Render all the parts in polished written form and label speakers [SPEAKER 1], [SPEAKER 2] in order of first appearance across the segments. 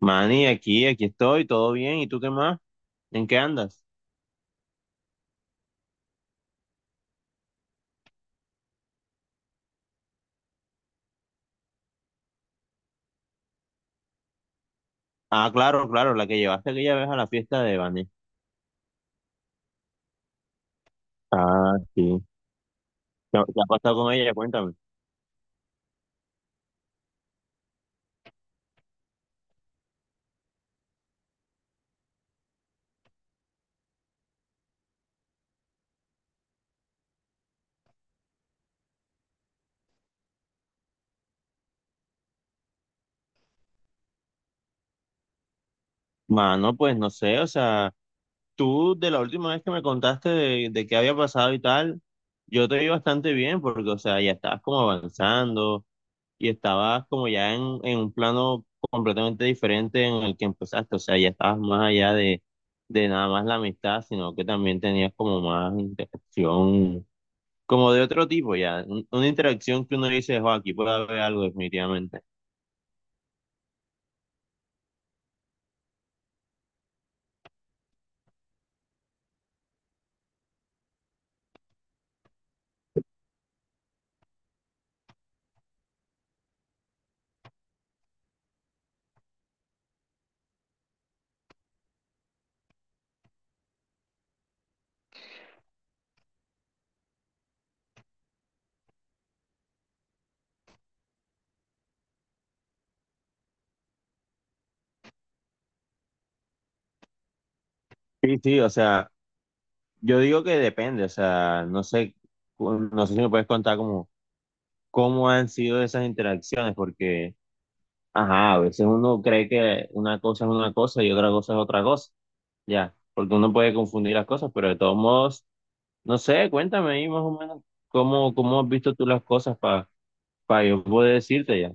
[SPEAKER 1] Manny, aquí estoy, todo bien. ¿Y tú qué más? ¿En qué andas? Ah, claro, claro, la que llevaste aquella vez a la fiesta de Vanessa. Ah, sí. Qué ha pasado con ella? Cuéntame. Mano, pues no sé, o sea, tú de la última vez que me contaste de qué había pasado y tal, yo te vi bastante bien porque, o sea, ya estabas como avanzando y estabas como ya en un plano completamente diferente en el que empezaste, o sea, ya estabas más allá de nada más la amistad, sino que también tenías como más interacción como de otro tipo ya, una interacción que uno dice, "Jo, aquí puede haber algo definitivamente". Sí, sí, o sea, yo digo que depende, o sea, no sé, no sé si me puedes contar como cómo han sido esas interacciones, porque, ajá, a veces uno cree que una cosa es una cosa y otra cosa es otra cosa, ya, porque uno puede confundir las cosas, pero de todos modos, no sé, cuéntame ahí más o menos cómo, cómo has visto tú las cosas para yo poder decirte ya.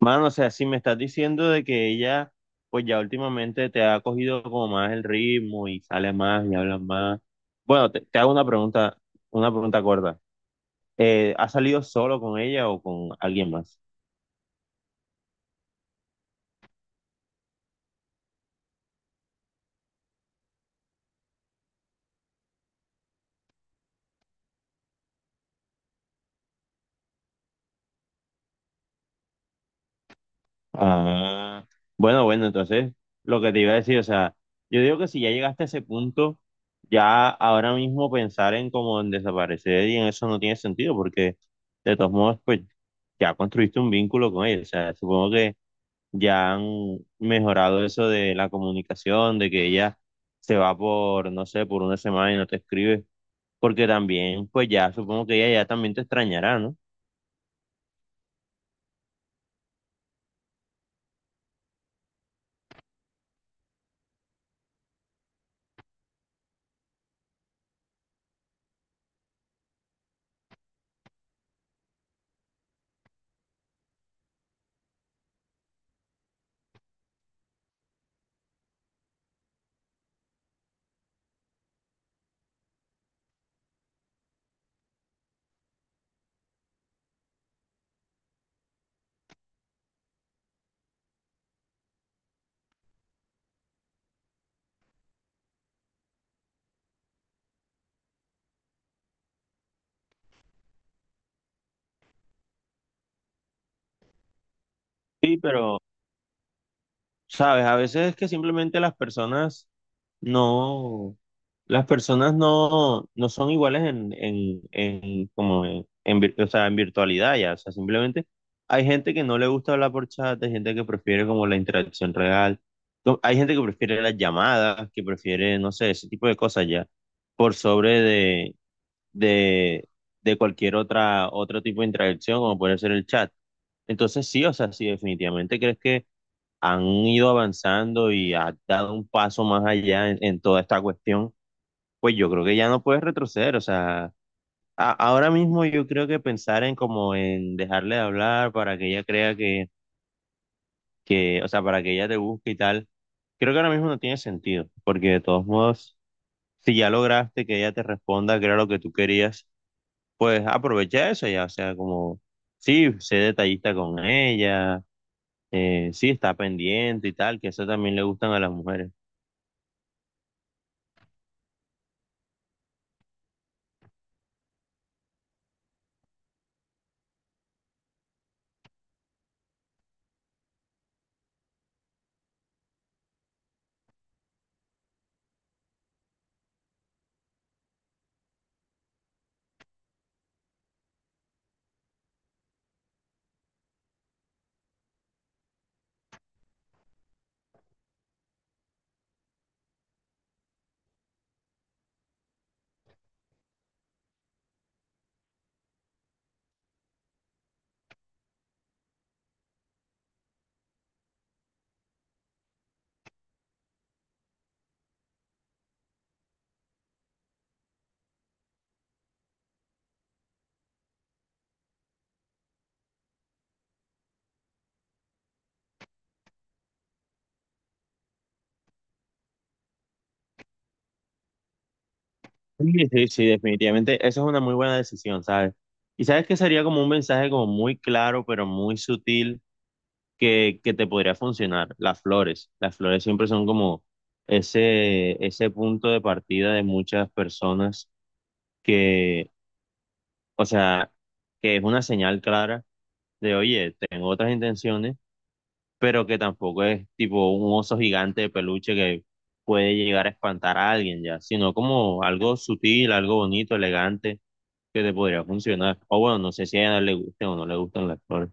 [SPEAKER 1] Mano, o sea, si me estás diciendo de que ella, pues ya últimamente te ha cogido como más el ritmo y sale más y habla más. Bueno, te hago una pregunta corta. ¿Has salido solo con ella o con alguien más? Ah, bueno, bueno, entonces lo que te iba a decir, o sea, yo digo que si ya llegaste a ese punto, ya ahora mismo pensar en como en desaparecer y en eso no tiene sentido porque de todos modos, pues ya construiste un vínculo con ella, o sea, supongo que ya han mejorado eso de la comunicación, de que ella se va por, no sé, por una semana y no te escribe, porque también, pues ya supongo que ella ya también te extrañará, ¿no? Sí, pero, sabes, a veces es que simplemente las personas no, las personas no, no son iguales como en o sea, en virtualidad ya. O sea, simplemente hay gente que no le gusta hablar por chat, hay gente que prefiere como la interacción real. No, hay gente que prefiere las llamadas, que prefiere, no sé, ese tipo de cosas ya, por sobre de, de cualquier otra, otro tipo de interacción, como puede ser el chat. Entonces sí, o sea, sí, definitivamente crees que han ido avanzando y ha dado un paso más allá en toda esta cuestión, pues yo creo que ya no puedes retroceder, o sea, ahora mismo yo creo que pensar en como en dejarle de hablar para que ella crea que, o sea, para que ella te busque y tal, creo que ahora mismo no tiene sentido, porque de todos modos, si ya lograste que ella te responda, que era lo que tú querías, pues aprovecha eso ya, o sea, como, sí, sé detallista con ella, sí, está pendiente y tal, que eso también le gustan a las mujeres. Sí, sí, sí, definitivamente. Esa es una muy buena decisión, ¿sabes? Y sabes que sería como un mensaje como muy claro, pero muy sutil, que te podría funcionar. Las flores. Las flores siempre son como ese punto de partida de muchas personas que, o sea, que es una señal clara de, oye, tengo otras intenciones, pero que tampoco es tipo un oso gigante de peluche que puede llegar a espantar a alguien ya, sino como algo sutil, algo bonito, elegante que te podría funcionar. O bueno, no sé si a ella le guste o no le gustan las flores.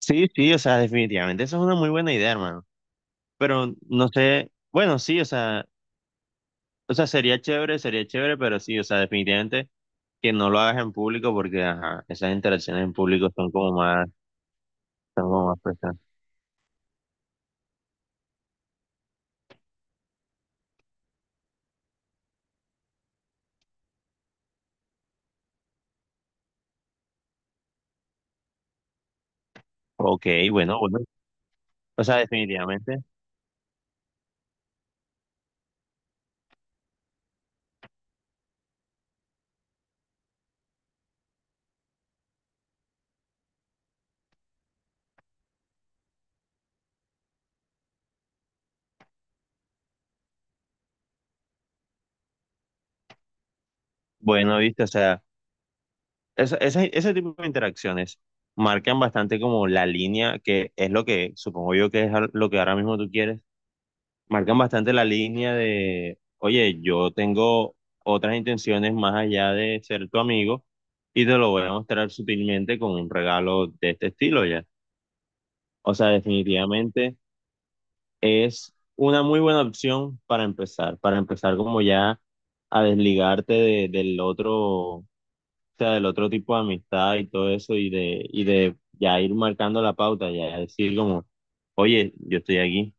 [SPEAKER 1] Sí, sí, o sea, definitivamente esa es una muy buena idea, hermano. Pero no sé, bueno, sí, o sea, sería chévere, pero sí, o sea, definitivamente que no lo hagas en público porque, ajá, esas interacciones en público son como más pesadas. Ok, bueno, bueno, o sea, definitivamente, bueno, viste, o sea, ese tipo de interacciones marcan bastante como la línea que es lo que supongo yo que es lo que ahora mismo tú quieres, marcan bastante la línea de, oye, yo tengo otras intenciones más allá de ser tu amigo y te lo voy a mostrar sutilmente con un regalo de este estilo ya. O sea, definitivamente es una muy buena opción para empezar como ya a desligarte del otro, o sea, del otro tipo de amistad y todo eso y de ya ir marcando la pauta, ya decir como, oye, yo estoy aquí.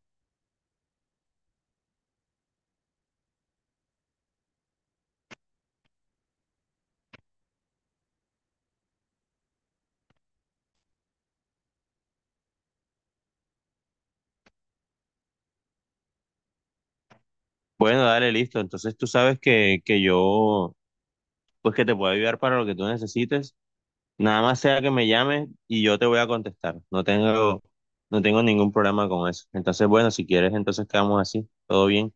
[SPEAKER 1] Bueno, dale, listo. Entonces tú sabes que yo pues que te pueda ayudar para lo que tú necesites. Nada más sea que me llames y yo te voy a contestar. No tengo, no tengo ningún problema con eso. Entonces, bueno, si quieres, entonces quedamos así. Todo bien.